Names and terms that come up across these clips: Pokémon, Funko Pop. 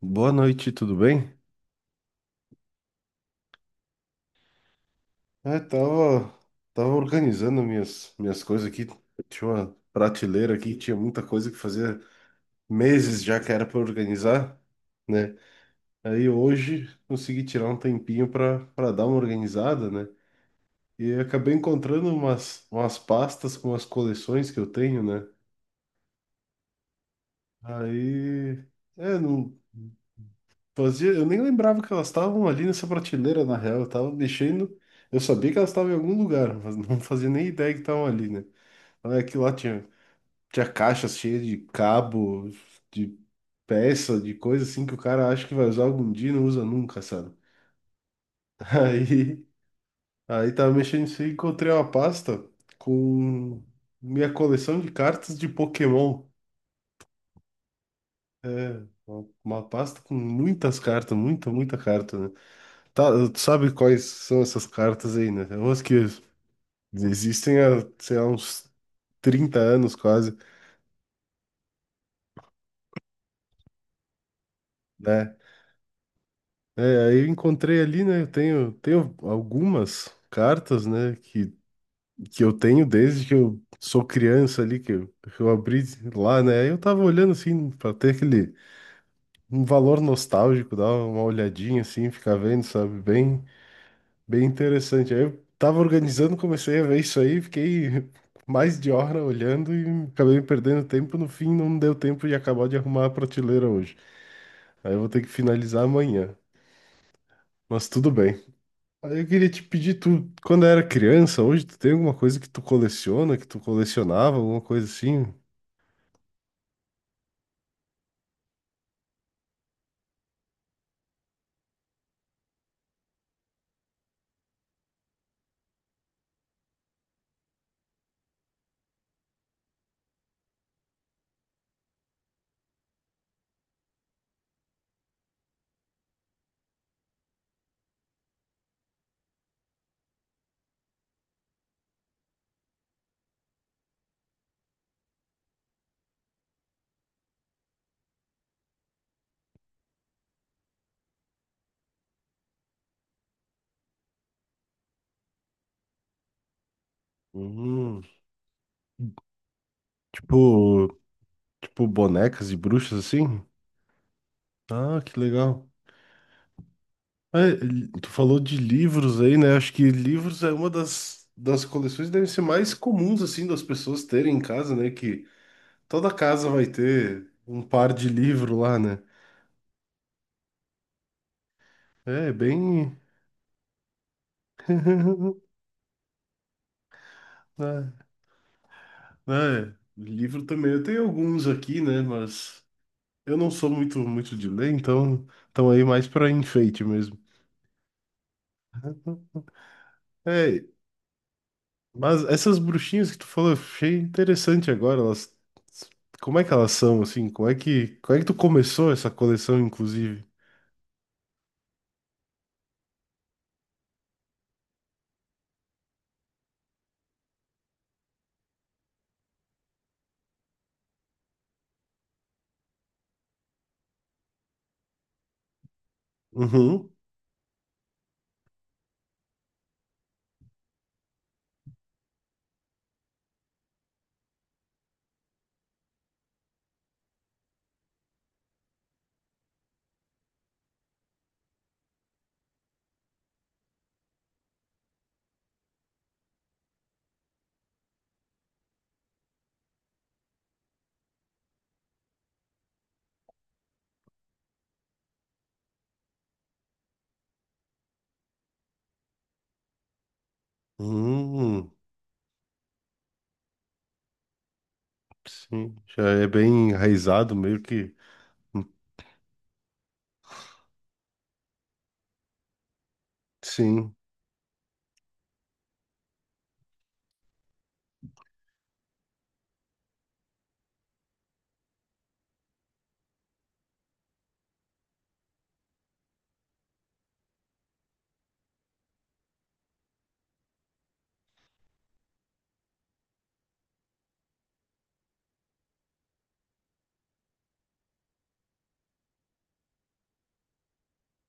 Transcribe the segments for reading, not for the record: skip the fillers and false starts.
Boa noite, tudo bem? É, tava organizando minhas coisas aqui. Tinha uma prateleira aqui, tinha muita coisa que fazia meses já que era para organizar, né? Aí hoje consegui tirar um tempinho para dar uma organizada, né? E acabei encontrando umas pastas com as coleções que eu tenho, né? Aí, é, não, fazia, eu nem lembrava que elas estavam ali nessa prateleira, na real. Eu tava mexendo. Eu sabia que elas estavam em algum lugar, mas não fazia nem ideia que estavam ali, né? Mas é que lá tinha, tinha caixas cheias de cabo, de peça, de coisa assim que o cara acha que vai usar algum dia e não usa nunca, sabe? Aí, aí, tava mexendo isso e encontrei uma pasta com minha coleção de cartas de Pokémon. É, uma pasta com muitas cartas, muita, muita carta, né? Tá, tu sabe quais são essas cartas aí, né? É umas que existem há, sei lá, uns 30 anos quase, né? É, aí eu encontrei ali, né? Eu tenho algumas cartas, né? Que eu tenho desde que eu sou criança ali, que eu abri lá, né? Aí eu tava olhando assim, pra ter aquele um valor nostálgico, dar uma olhadinha assim, ficar vendo, sabe? Bem interessante. Aí eu tava organizando, comecei a ver isso aí, fiquei mais de hora olhando e acabei perdendo tempo. No fim, não deu tempo de acabar de arrumar a prateleira hoje. Aí eu vou ter que finalizar amanhã. Mas tudo bem. Aí eu queria te pedir, tu, quando era criança, hoje tu tem alguma coisa que tu coleciona, que tu colecionava, alguma coisa assim? Hum, tipo, tipo bonecas e bruxas assim? Ah, que legal. É, tu falou de livros aí, né? Acho que livros é uma das coleções que devem ser mais comuns, assim, das pessoas terem em casa, né? Que toda casa vai ter um par de livro lá, né? É, bem... É, é, livro também. Eu tenho alguns aqui, né? Mas eu não sou muito, muito de ler, então estão aí mais para enfeite mesmo. É, mas essas bruxinhas que tu falou, eu achei interessante agora. Como é que elas são, assim? Como é que tu começou essa coleção, inclusive? Uhum. Hum, sim. Já é bem enraizado, meio que. Sim.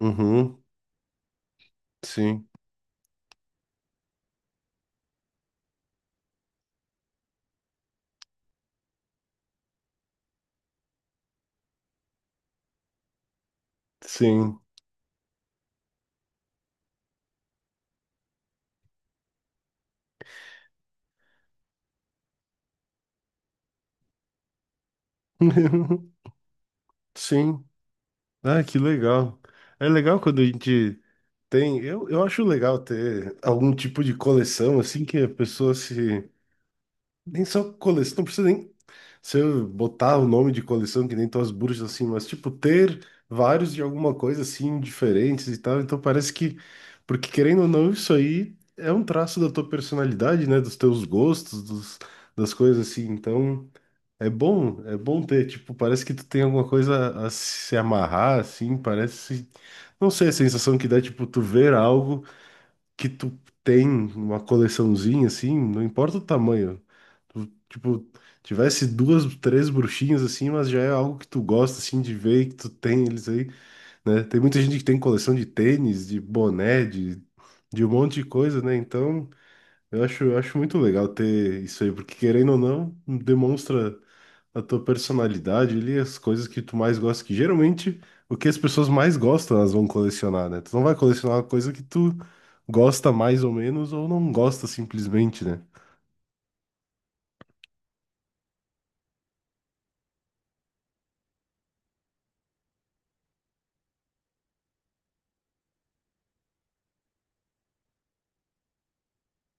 Uhum. Sim. Sim. Sim. Ah, que legal. É legal quando a gente tem. Eu acho legal ter algum tipo de coleção, assim, que a pessoa se. Nem só coleção, não precisa nem se eu botar o nome de coleção, que nem tuas bruxas, assim, mas, tipo, ter vários de alguma coisa, assim, diferentes e tal, então parece que, porque querendo ou não, isso aí é um traço da tua personalidade, né, dos teus gostos, dos, das coisas, assim, então é bom ter, tipo, parece que tu tem alguma coisa a se amarrar, assim, parece, não sei, a sensação que dá, tipo, tu ver algo que tu tem uma coleçãozinha assim, não importa o tamanho. Tu, tipo, tivesse duas, três bruxinhas assim, mas já é algo que tu gosta assim de ver, e que tu tem eles aí, né? Tem muita gente que tem coleção de tênis, de boné, de um monte de coisa, né? Então, eu acho muito legal ter isso aí, porque querendo ou não, demonstra a tua personalidade ali, as coisas que tu mais gosta, que geralmente o que as pessoas mais gostam, elas vão colecionar, né? Tu não vai colecionar uma coisa que tu gosta mais ou menos, ou não gosta simplesmente, né?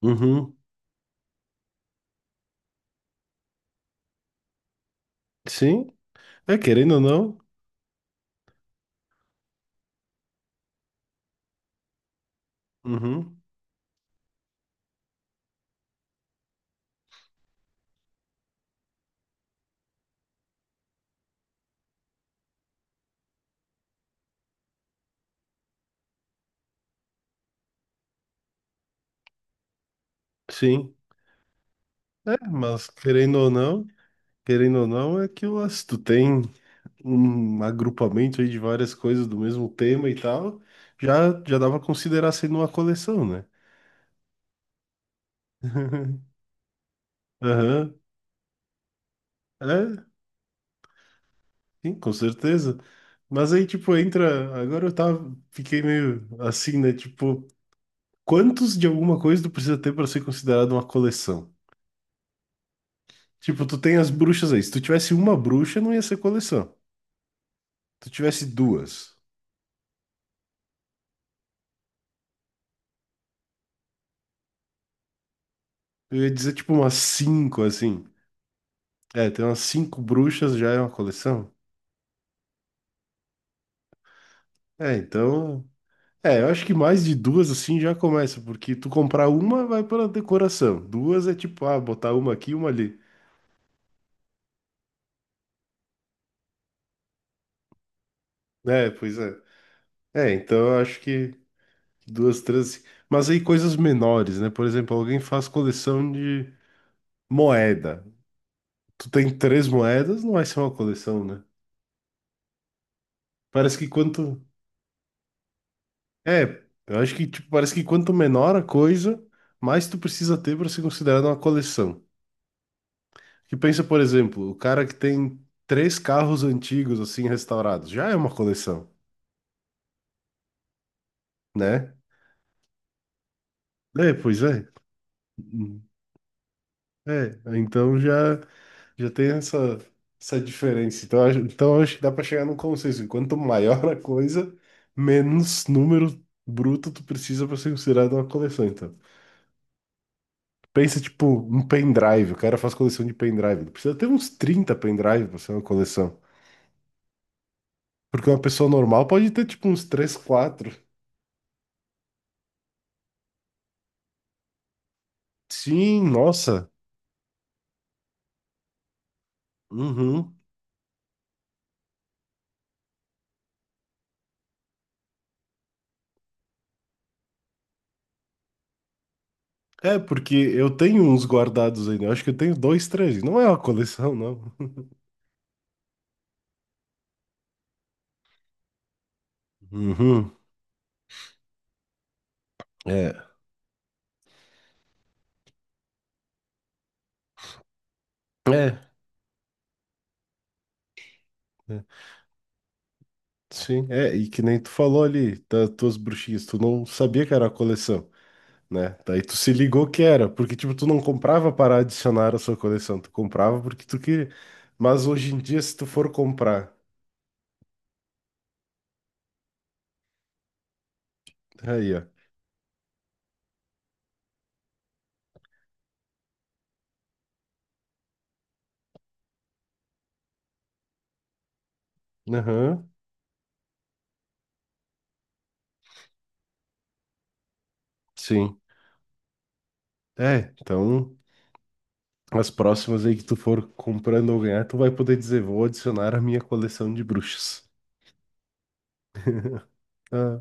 Uhum. Sim. É, querendo ou não. Uhum. Sim. É, mas querendo ou não, é que ó, se tu tem um agrupamento aí de várias coisas do mesmo tema e tal, já dava pra considerar sendo uma coleção, né? Aham. É, sim, com certeza. Mas aí, tipo, entra. Agora eu tava. Fiquei meio assim, né? Tipo, quantos de alguma coisa tu precisa ter pra ser considerado uma coleção? Tipo, tu tem as bruxas aí. Se tu tivesse uma bruxa, não ia ser coleção. Tu tivesse duas, eu ia dizer, tipo, umas cinco, assim. É, tem umas cinco bruxas, já é uma coleção? É, então. É, eu acho que mais de duas, assim, já começa, porque tu comprar uma vai pra decoração. Duas é tipo, ah, botar uma aqui e uma ali. É, pois é. É, então eu acho que. Duas tranças. Mas aí coisas menores, né? Por exemplo, alguém faz coleção de moeda. Tu tem três moedas, não vai ser uma coleção, né? Parece que quanto. É, eu acho que tipo, parece que quanto menor a coisa, mais tu precisa ter para ser considerada uma coleção. Que pensa, por exemplo, o cara que tem três carros antigos assim restaurados, já é uma coleção, né? É, pois é. Uhum. É, então já. Já tem essa diferença. Então acho que dá para chegar num consenso. Quanto maior a coisa, menos número bruto tu precisa para ser considerado uma coleção. Então, pensa tipo um pendrive. O cara faz coleção de pendrive. Ele precisa ter uns 30 pendrive para ser uma coleção. Porque uma pessoa normal pode ter tipo uns três quatro. Sim, nossa. Uhum. É, porque eu tenho uns guardados ainda. Eu acho que eu tenho dois, três. Não é uma coleção, não. Uhum. É. É. É. Sim, é, e que nem tu falou ali das tuas bruxinhas, tu não sabia que era a coleção, né? Daí tu se ligou que era, porque tipo, tu não comprava para adicionar a sua coleção, tu comprava porque tu queria. Mas hoje em dia, se tu for comprar, aí, ó. Aham, sim. É, então as próximas aí que tu for comprando ou ganhar, tu vai poder dizer, vou adicionar a minha coleção de bruxas. Ah,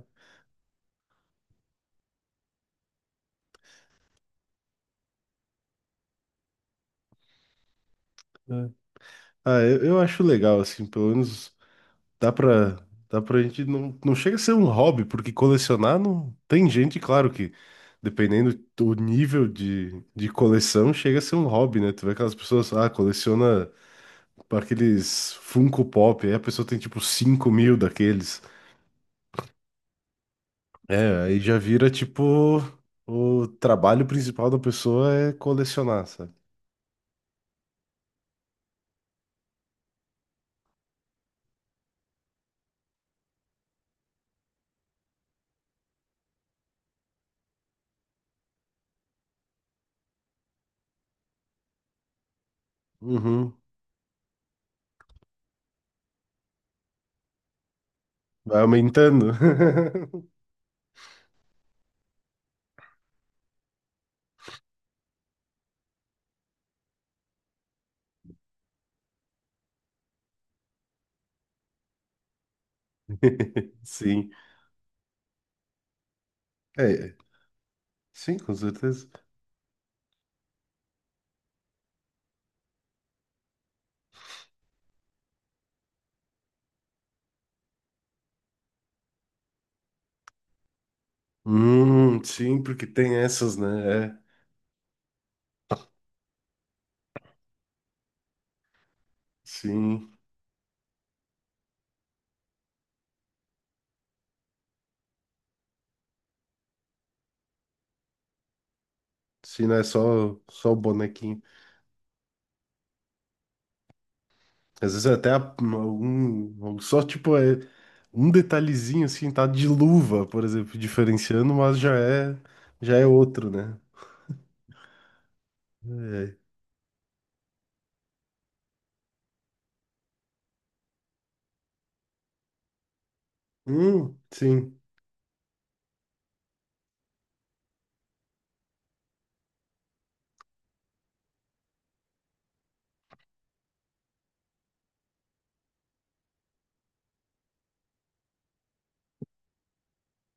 ah. Ah, eu acho legal, assim, pelo menos. Dá pra, dá pra gente. Não, não chega a ser um hobby, porque colecionar não. Tem gente, claro que, dependendo do nível de coleção, chega a ser um hobby, né? Tu vê aquelas pessoas, ah, coleciona aqueles Funko Pop, aí a pessoa tem tipo 5 mil daqueles. É, aí já vira tipo. O trabalho principal da pessoa é colecionar, sabe? Uhum. Vai aumentando. Sim. É, sim, com certeza. Sim, porque tem essas, né? É. Sim, sim, não é só, só o bonequinho. Às vezes é até a- algum, só tipo é um detalhezinho assim, tá de luva, por exemplo, diferenciando, mas já é outro, né? É. Sim.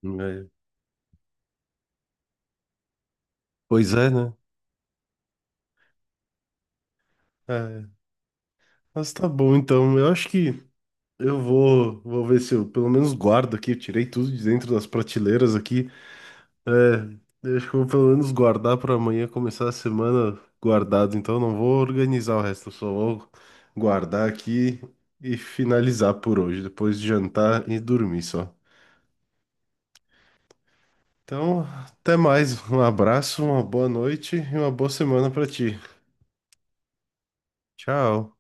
É. Pois é, né? É. Mas tá bom, então. Eu acho que eu vou ver se eu pelo menos guardo aqui. Eu tirei tudo de dentro das prateleiras aqui. É, eu acho que eu vou pelo menos guardar pra amanhã começar a semana guardado. Então eu não vou organizar o resto, eu só vou guardar aqui e finalizar por hoje, depois de jantar e dormir só. Então, até mais. Um abraço, uma boa noite e uma boa semana pra ti. Tchau.